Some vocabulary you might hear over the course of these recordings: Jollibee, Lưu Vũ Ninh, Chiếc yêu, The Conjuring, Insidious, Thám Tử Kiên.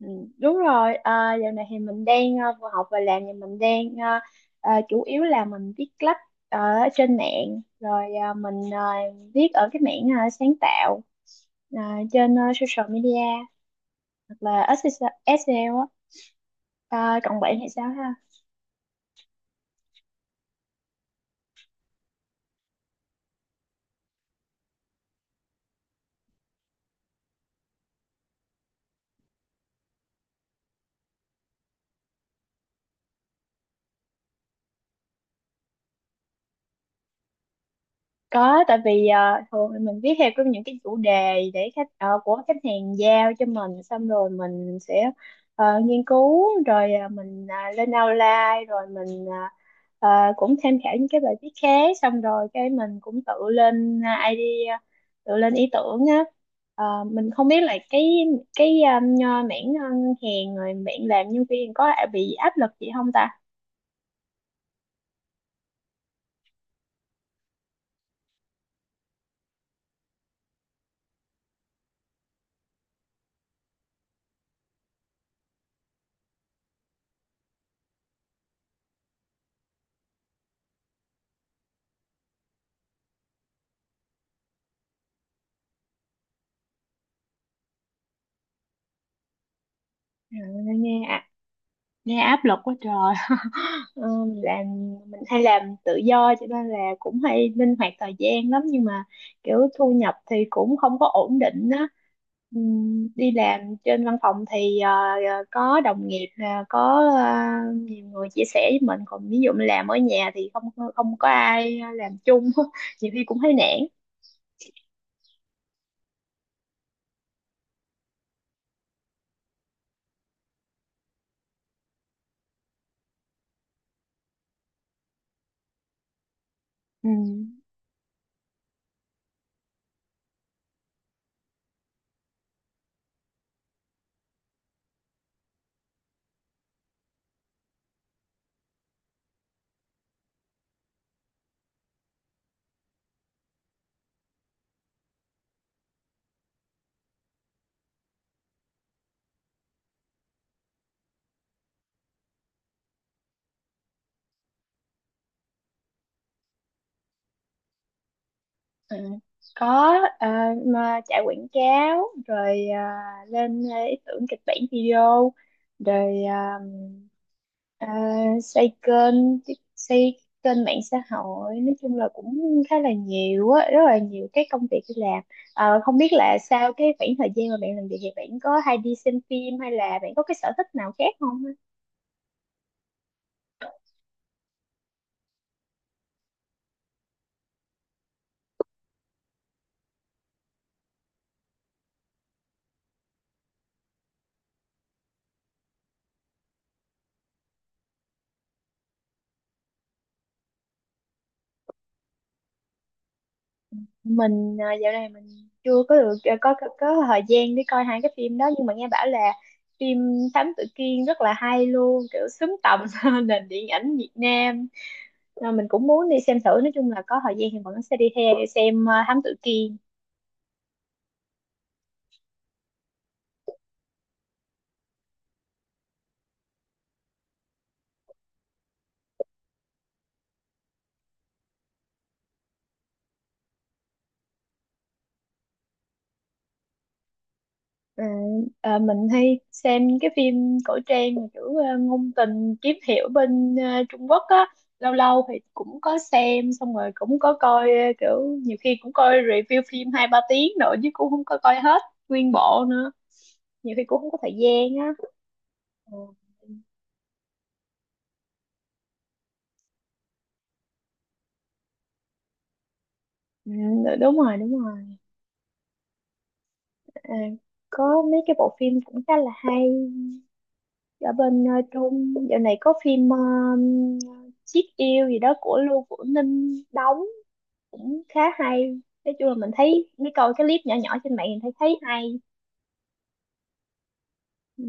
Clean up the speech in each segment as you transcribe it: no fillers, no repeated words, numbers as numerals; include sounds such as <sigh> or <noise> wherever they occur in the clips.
Ừ, đúng rồi. Giờ này thì mình đang vừa học và làm, thì mình đang chủ yếu là mình viết lách ở trên mạng. Rồi mình viết ở cái mảng sáng tạo ờ, trên social media, hoặc là SEO á. Còn bạn thì sao ha? Có, tại vì thường thì mình viết theo cái những cái chủ đề để khách của khách hàng giao cho mình, xong rồi mình sẽ nghiên cứu, rồi mình lên outline, rồi mình cũng tham khảo những cái bài viết khác, xong rồi cái mình cũng tự lên idea, tự lên ý tưởng á. Ờ, mình không biết là cái cái ờ, mảng ngân hàng rồi mảng làm nhân viên có bị áp lực gì không ta? Trời, nghe nghe áp lực quá trời. Ờ, làm mình hay làm tự do cho nên là cũng hay linh hoạt thời gian lắm, nhưng mà kiểu thu nhập thì cũng không có ổn định á. Đi làm trên văn phòng thì có đồng nghiệp là có nhiều người chia sẻ với mình, còn ví dụ mình làm ở nhà thì không không có ai làm chung <laughs> nhiều khi cũng thấy nản. Ừ. Ừ. Có, mà chạy quảng cáo, rồi lên ý tưởng kịch bản video, rồi à, xây kênh xây kênh mạng xã hội, nói chung là cũng khá là nhiều á, rất là nhiều cái công việc đi làm. Không biết là sau cái khoảng thời gian mà bạn làm việc thì bạn có hay đi xem phim, hay là bạn có cái sở thích nào khác không á? Mình dạo này mình chưa có được có thời gian để coi hai cái phim đó, nhưng mà nghe bảo là phim Thám Tử Kiên rất là hay luôn, kiểu xứng tầm <laughs> nền điện ảnh Việt Nam. Mình cũng muốn đi xem thử, nói chung là có thời gian thì vẫn sẽ đi theo xem Thám Tử Kiên. Ờ, mình hay xem những cái phim cổ trang mà kiểu ngôn tình, kiếm hiệp bên Trung Quốc á. Lâu lâu thì cũng có xem, xong rồi cũng có coi kiểu nhiều khi cũng coi review phim hai ba tiếng nữa chứ cũng không có coi hết nguyên bộ nữa, nhiều khi cũng không có thời gian á. Ừ. Ừ, đúng rồi, đúng rồi. à, có mấy cái bộ phim cũng khá là hay. Ở bên Trung, dạo này có phim Chiếc Yêu gì đó của Lưu Vũ Ninh đóng, cũng khá hay. Nói chung là mình thấy mấy coi cái clip nhỏ nhỏ trên mạng, mình thấy thấy hay. Ừ.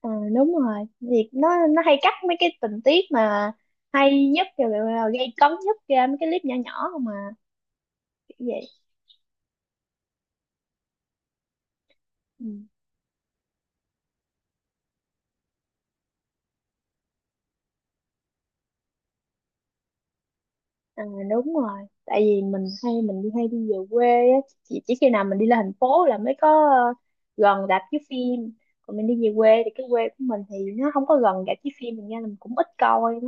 Ờ, Đúng rồi, việc nó hay cắt mấy cái tình tiết mà hay nhất rồi là gây cấn nhất ra mấy cái clip nhỏ nhỏ không, mà kiểu vậy. Ừ. Ờ, Đúng rồi, tại vì mình hay mình đi hay đi về quê á. Chỉ khi nào mình đi lên thành phố là mới có gần rạp chiếu phim. Còn mình đi về quê thì cái quê của mình thì nó không có gần rạp chiếu phim, thành ra là mình cũng ít coi.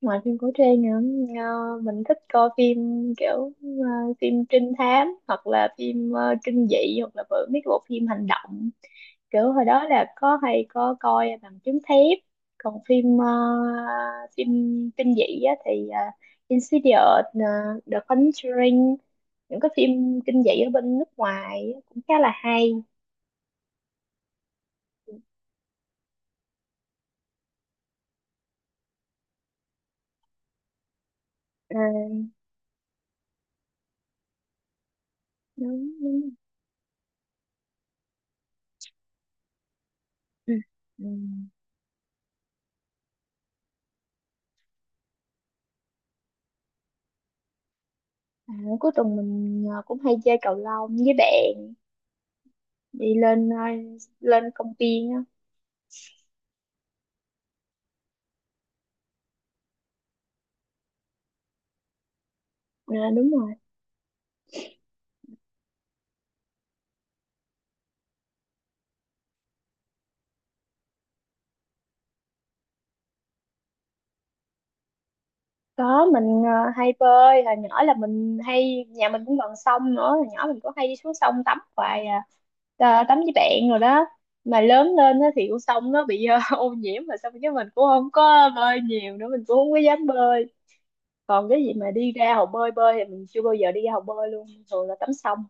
Ngoài phim cổ trang nữa, mình thích coi phim kiểu phim trinh thám, hoặc là phim kinh dị, hoặc là mấy cái bộ phim hành động. Kiểu hồi đó là có hay có coi Bằng Chứng Thép. Còn phim phim kinh dị á, thì Insidious, The Conjuring, những cái phim kinh dị ở bên nước ngoài á, cũng khá là hay. Ờ, Đúng, đúng. Ừ. Ừ. À, cuối tuần mình cũng hay chơi cầu lông với bạn, đi lên lên công viên á. À, đúng rồi. Có, mình hay bơi hồi nhỏ là mình hay, nhà mình cũng gần sông nữa, hồi nhỏ mình cũng hay đi xuống sông tắm hoài à. Tắm với bạn rồi đó. Mà lớn lên á thì con sông nó bị <laughs> ô nhiễm, mà xong cái mình cũng không có bơi nhiều nữa, mình cũng không có dám bơi. Còn cái gì mà đi ra hồ bơi bơi thì mình chưa bao giờ đi ra hồ bơi luôn, thường là tắm sông.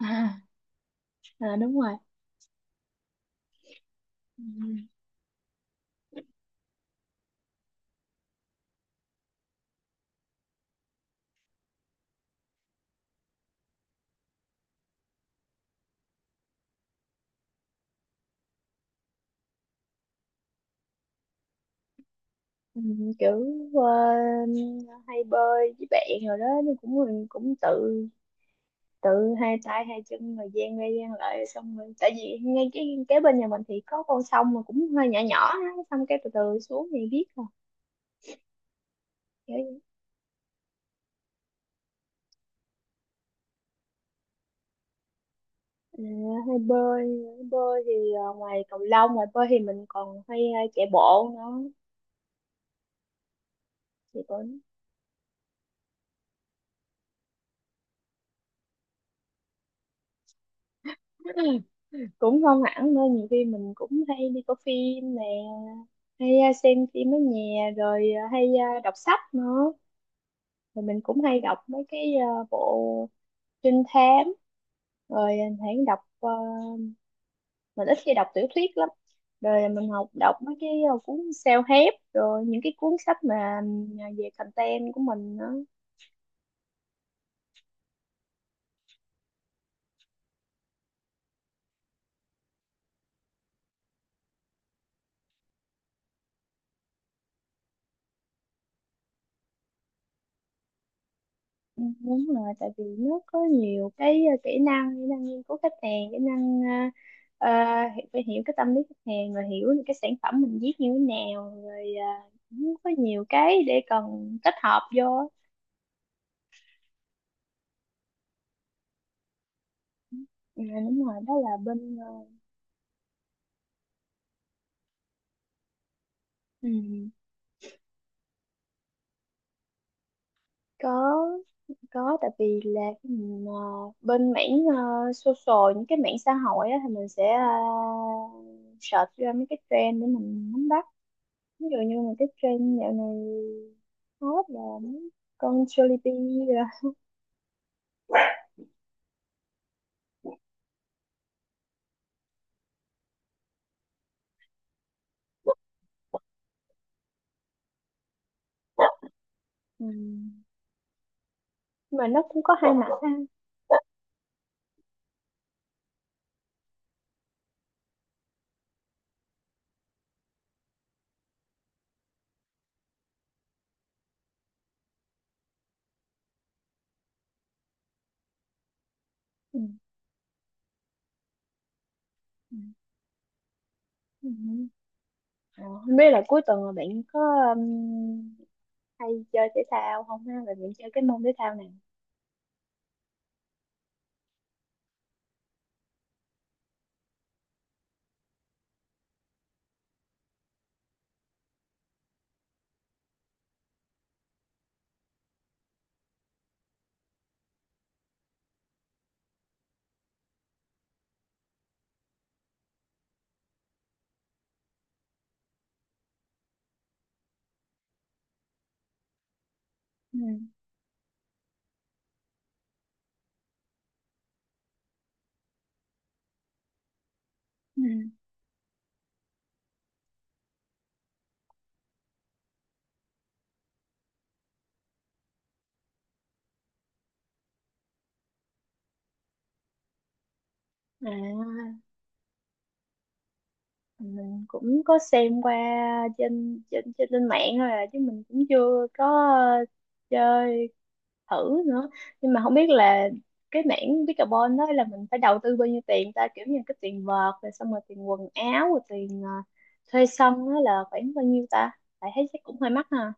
<laughs> À, đúng rồi. Ừ, kiểu ờ, hay bơi với bạn rồi đó, nhưng cũng mình cũng tự tự hai tay hai chân rồi gian ra gian lại, xong rồi tại vì ngay cái kế bên nhà mình thì có con sông mà cũng hơi nhỏ nhỏ á, xong cái từ từ xuống thì biết rồi, kiểu vậy. Ờ, Hay bơi, bơi thì ngoài cầu lông ngoài bơi thì mình còn hay chạy bộ nữa, thì cũng <clears throat> <laughs> cũng không hẳn nữa, nhiều khi mình cũng hay đi coi phim nè, hay xem phim ở nhà, rồi hay đọc sách nữa. Rồi mình cũng hay đọc mấy cái bộ trinh thám, rồi mình hay đọc mình ít khi đọc tiểu thuyết lắm, rồi mình học đọc mấy cái cuốn self-help, rồi những cái cuốn sách mà ừ, về content của mình đó. Ừ, đúng rồi, tại vì nó có nhiều cái kỹ năng, kỹ năng nghiên cứu khách hàng, kỹ năng ờ, ờ, phải hiểu cái tâm lý khách hàng, rồi hiểu được cái sản phẩm mình viết như thế nào, rồi cũng có nhiều cái để cần kết hợp vô. Ừ, đúng rồi, đó là bên Ừ, có có, tại vì là cái mình, bên mảng social, những cái mảng xã hội á, thì mình sẽ search ra mấy cái trend để mình nắm bắt. Ví dụ như là cái trend dạo này hot là mấy con Jollibee rồi. Ừ. Mà nó cũng có hai mặt ha. Ừ. Ừ. Ừ. Ờ, Không biết là cuối tuần là bạn có um, hay chơi thể thao không ha, và bạn chơi cái môn thể thao nào? Ừ. Ừ. À, mình cũng có xem qua trên mạng thôi à, chứ mình cũng chưa có ờ, chơi thử nữa, nhưng mà không biết là cái mảng pickleball đó là mình phải đầu tư bao nhiêu tiền ta, kiểu như cái tiền vợt rồi xong rồi tiền quần áo rồi tiền thuê sân đó là khoảng bao nhiêu ta, tại thấy chắc cũng hơi mắc ha.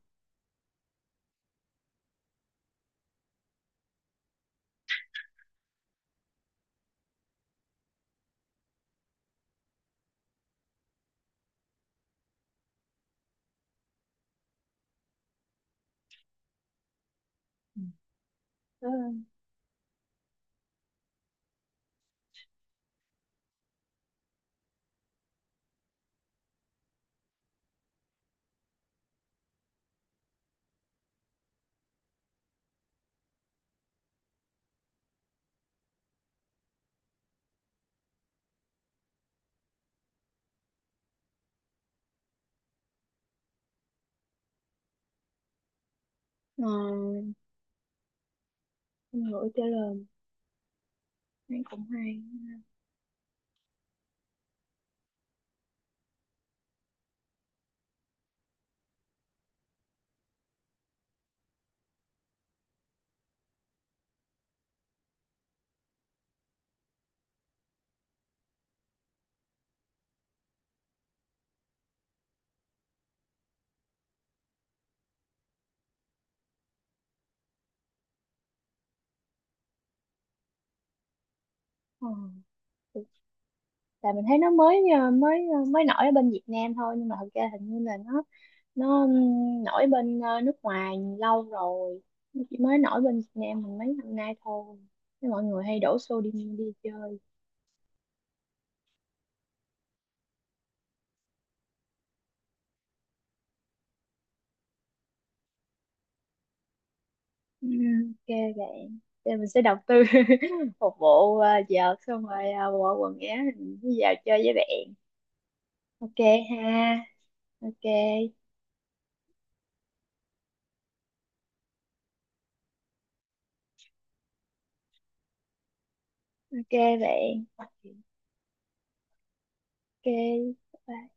Ừ. Ừ. Ờ, Không ngửi trả lời, thấy cũng hay. Ờ. Tại mình thấy nó mới mới nổi ở bên Việt Nam thôi, nhưng mà thật ra hình như là nó nổi bên nước ngoài lâu rồi, nó chỉ mới nổi bên Việt Nam mình mấy năm nay thôi. Thế mọi người hay đổ xô đi đi chơi. Ừ, ok bạn. Thế mình sẽ đầu tư <laughs> một bộ vợt, xong rồi bộ quần áo rồi mình đi vào chơi với bạn. Ok ha. Ok. Ok bạn. Ok bye.